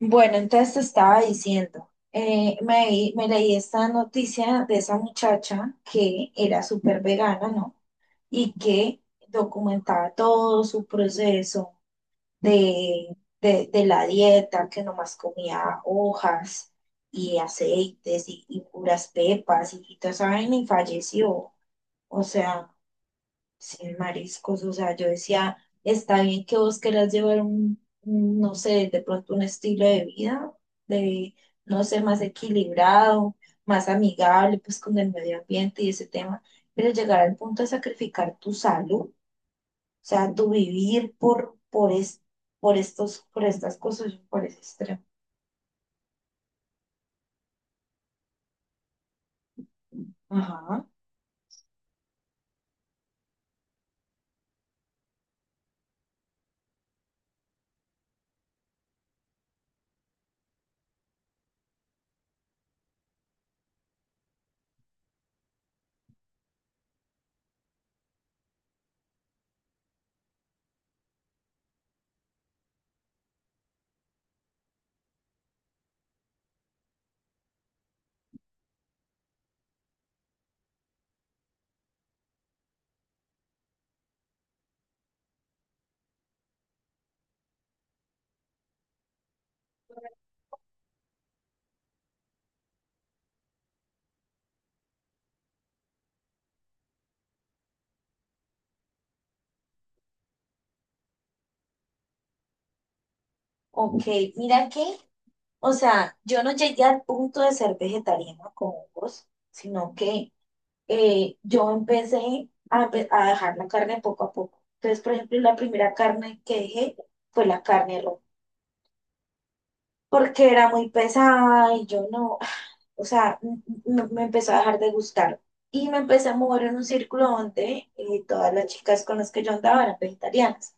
Bueno, entonces te estaba diciendo, me leí esta noticia de esa muchacha que era súper vegana, ¿no? Y que documentaba todo su proceso de, de la dieta, que nomás comía hojas y aceites y puras pepas y toda esa vaina y falleció. O sea, sin mariscos, o sea, yo decía, está bien que vos querás llevar un, no sé, de pronto un estilo de vida, de, no sé, más equilibrado, más amigable, pues con el medio ambiente y ese tema, pero llegar al punto de sacrificar tu salud, o sea, tu vivir por estas cosas, por ese extremo. Ajá. Ok, mira que o sea, yo no llegué al punto de ser vegetariana con hongos, sino que yo empecé a dejar la carne poco a poco. Entonces, por ejemplo, la primera carne que dejé fue la carne roja, porque era muy pesada y yo no, o sea, empezó a dejar de gustar. Y me empecé a mover en un círculo donde todas las chicas con las que yo andaba eran vegetarianas,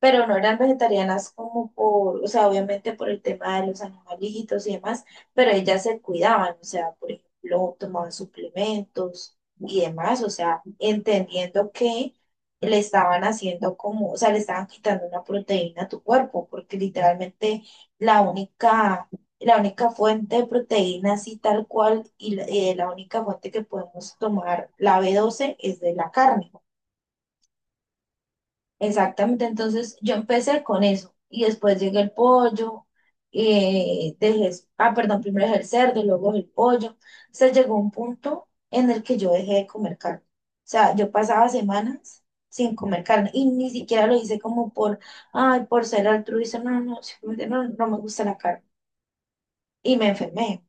pero no eran vegetarianas como por, o sea, obviamente por el tema de los animalitos y demás, pero ellas se cuidaban, o sea, por ejemplo, tomaban suplementos y demás, o sea, entendiendo que le estaban haciendo como, o sea, le estaban quitando una proteína a tu cuerpo, porque literalmente la única, la única fuente de proteína así tal cual y la única fuente que podemos tomar la B12 es de la carne. Exactamente, entonces yo empecé con eso y después llegué el pollo, perdón, primero dejé el cerdo, luego el pollo. Se llegó a un punto en el que yo dejé de comer carne. O sea, yo pasaba semanas sin comer carne y ni siquiera lo hice como por ser altruista, no, no, simplemente no, no me gusta la carne. Y me enfermé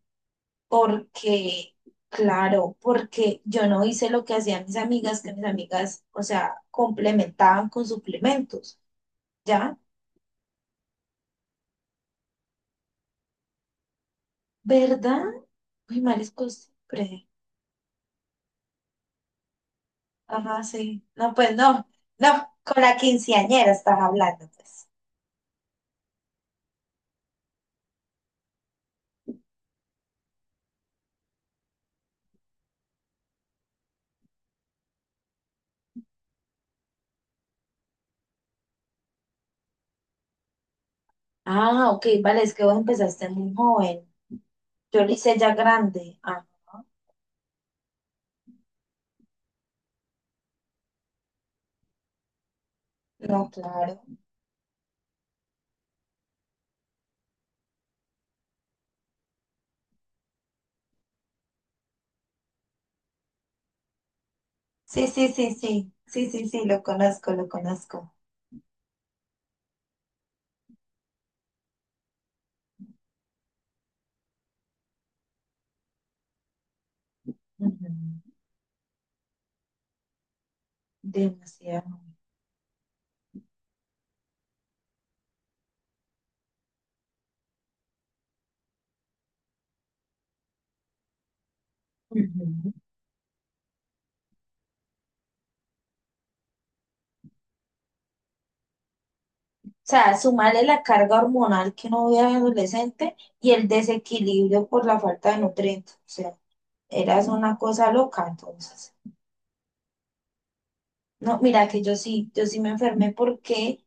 porque, claro, porque yo no hice lo que hacían mis amigas, que mis amigas, o sea, complementaban con suplementos. ¿Ya? ¿Verdad? Uy, mal es costumbre. Ajá, sí. No, pues no, no, con la quinceañera estás hablando, pues. Ah, ok, vale, es que vos empezaste muy joven. Yo lo hice ya grande. Ah, no, claro. Sí, sí, sí, sí. Sí, sí, sí, lo conozco, lo conozco. Ujú. Demasiado. Ujú. O sea, sumarle la carga hormonal que no había adolescente y el desequilibrio por la falta de nutrientes. O sea, eras una cosa loca entonces. No, mira que yo sí, me enfermé porque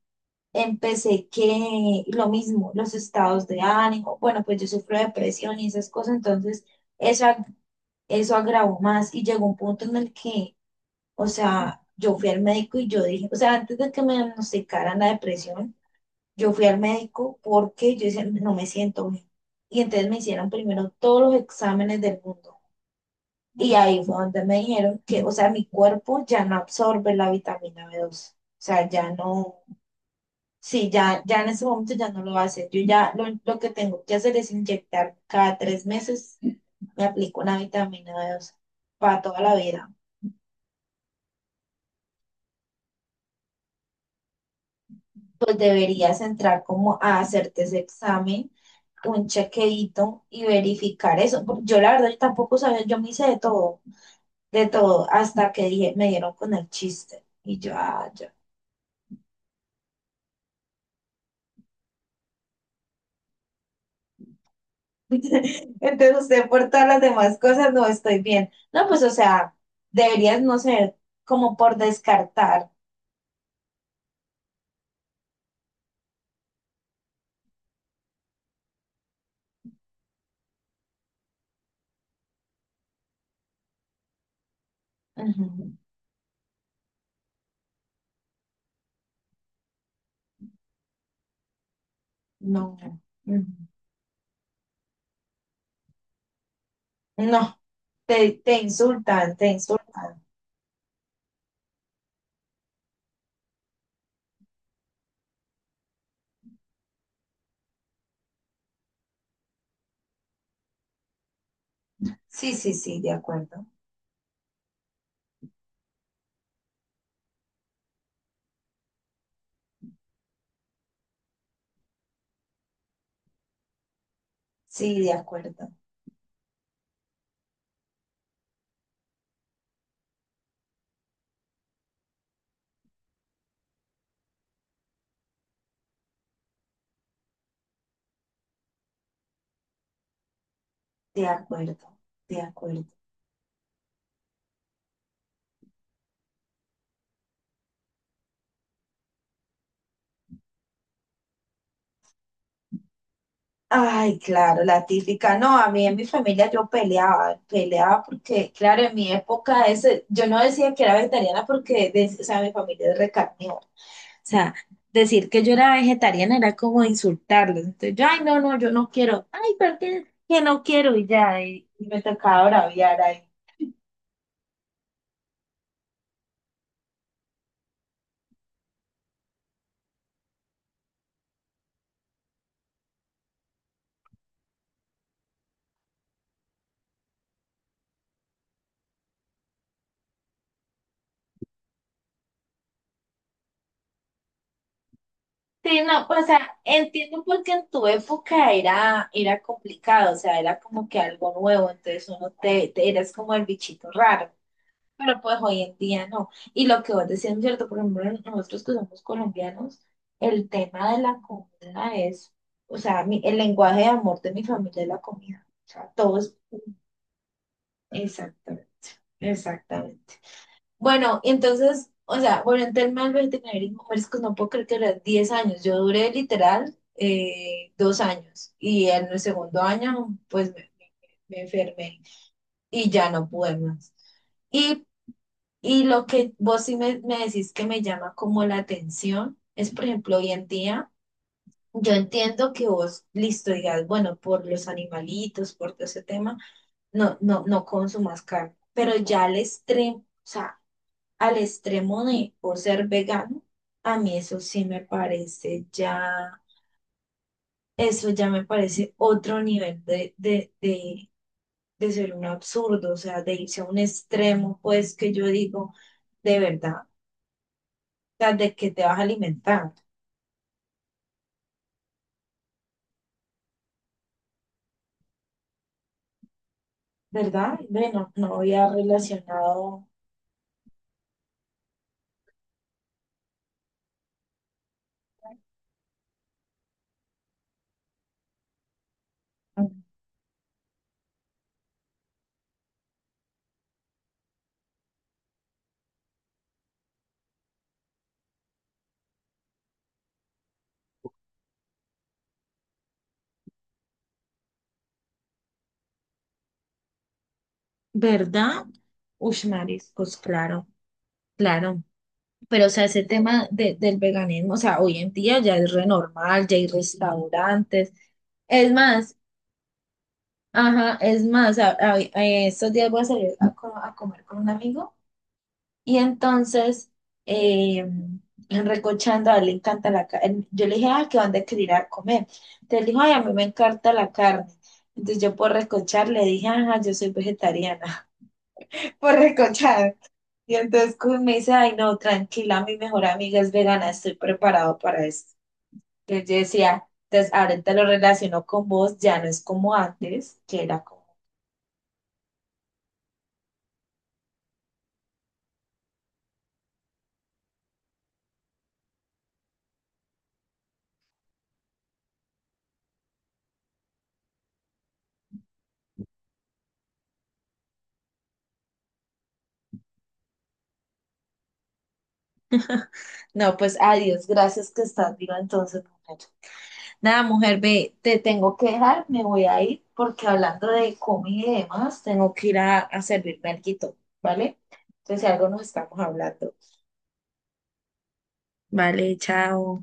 empecé que lo mismo, los estados de ánimo, bueno, pues yo sufro de depresión y esas cosas, entonces eso, ag- eso agravó más y llegó un punto en el que, o sea, yo fui al médico y yo dije, o sea, antes de que me diagnosticaran la depresión, yo fui al médico porque yo decía, no me siento bien. Y entonces me hicieron primero todos los exámenes del mundo y ahí fue donde me dijeron que, o sea, mi cuerpo ya no absorbe la vitamina B2. O sea, ya no, sí, ya, en ese momento ya no lo hace. Yo ya lo que tengo que hacer es inyectar cada 3 meses, me aplico una vitamina B2 para toda la vida. Pues deberías entrar como a hacerte ese examen, un chequeito y verificar eso. Porque yo la verdad yo tampoco sabía, yo me hice de todo, hasta que me dieron con el chiste. Y yo, ah, Entonces usted por todas las demás cosas no estoy bien. No, pues o sea, deberías no sé como por descartar. Ujú. No, ujú. No, te insultan, te insultan. Sí, sí, sí, de acuerdo. Sí, de acuerdo, de acuerdo, de acuerdo. Ay, claro, la típica. No, a mí en mi familia yo peleaba, peleaba porque, claro, en mi época ese, yo no decía que era vegetariana porque, o sea, mi familia es recarnívora. O sea, decir que yo era vegetariana era como insultarlos. Entonces, yo, ay, no, no, yo no quiero. Ay, ¿por qué? Que no quiero y ya. Y me tocaba braviar ahí. Sí, no, o sea, entiendo porque en tu época era complicado, o sea, era como que algo nuevo, entonces uno te eras como el bichito raro. Pero pues hoy en día no. Y lo que vos decías, ¿es cierto? Por ejemplo, nosotros que somos colombianos, el tema de la comida es, o sea, el lenguaje de amor de mi familia es la comida. O sea, todos, exactamente, exactamente. Bueno, entonces, o sea, bueno, en tema del vegetarianismo, mariscos, no puedo creer que eran 10 años. Yo duré literal 2 años y en el segundo año, pues me enfermé y ya no pude más. Y Y lo que vos sí me decís que me llama como la atención es, por ejemplo, hoy en día, yo entiendo que vos, listo, digas, bueno, por los animalitos, por todo ese tema, no consumas carne, pero ya al extremo, o sea, al extremo de o ser vegano, a mí eso sí me parece ya, eso ya me parece otro nivel de ser un absurdo, o sea, de irse a un extremo, pues que yo digo, de verdad. Sea, de que te vas a alimentar, ¿verdad? Bueno, no había relacionado, ¿verdad? Ush, mariscos, claro, claro. Pero, o sea, ese tema del veganismo, o sea, hoy en día ya es re normal, ya hay restaurantes. Es más, ajá, es más, estos días voy a salir a comer con un amigo. Y entonces, eh, en Recochando, a él le encanta la carne. Yo le dije, ah, ¿qué dónde querer ir a comer? Entonces dijo, ay, a mí me encanta la carne. Entonces yo por recochar le dije, ajá, yo soy vegetariana, por recochar. Y entonces como me dice, ay, no, tranquila, mi mejor amiga es vegana, estoy preparado para esto. Entonces yo decía, entonces ahorita lo relaciono con vos, ya no es como antes, que era como, no, pues adiós, gracias que estás viva entonces. Mujer". Nada, mujer, ve, te tengo que dejar, me voy a ir porque hablando de comida y demás, tengo que ir a servirme alguito, ¿vale? Entonces, si algo nos estamos hablando. Vale, chao.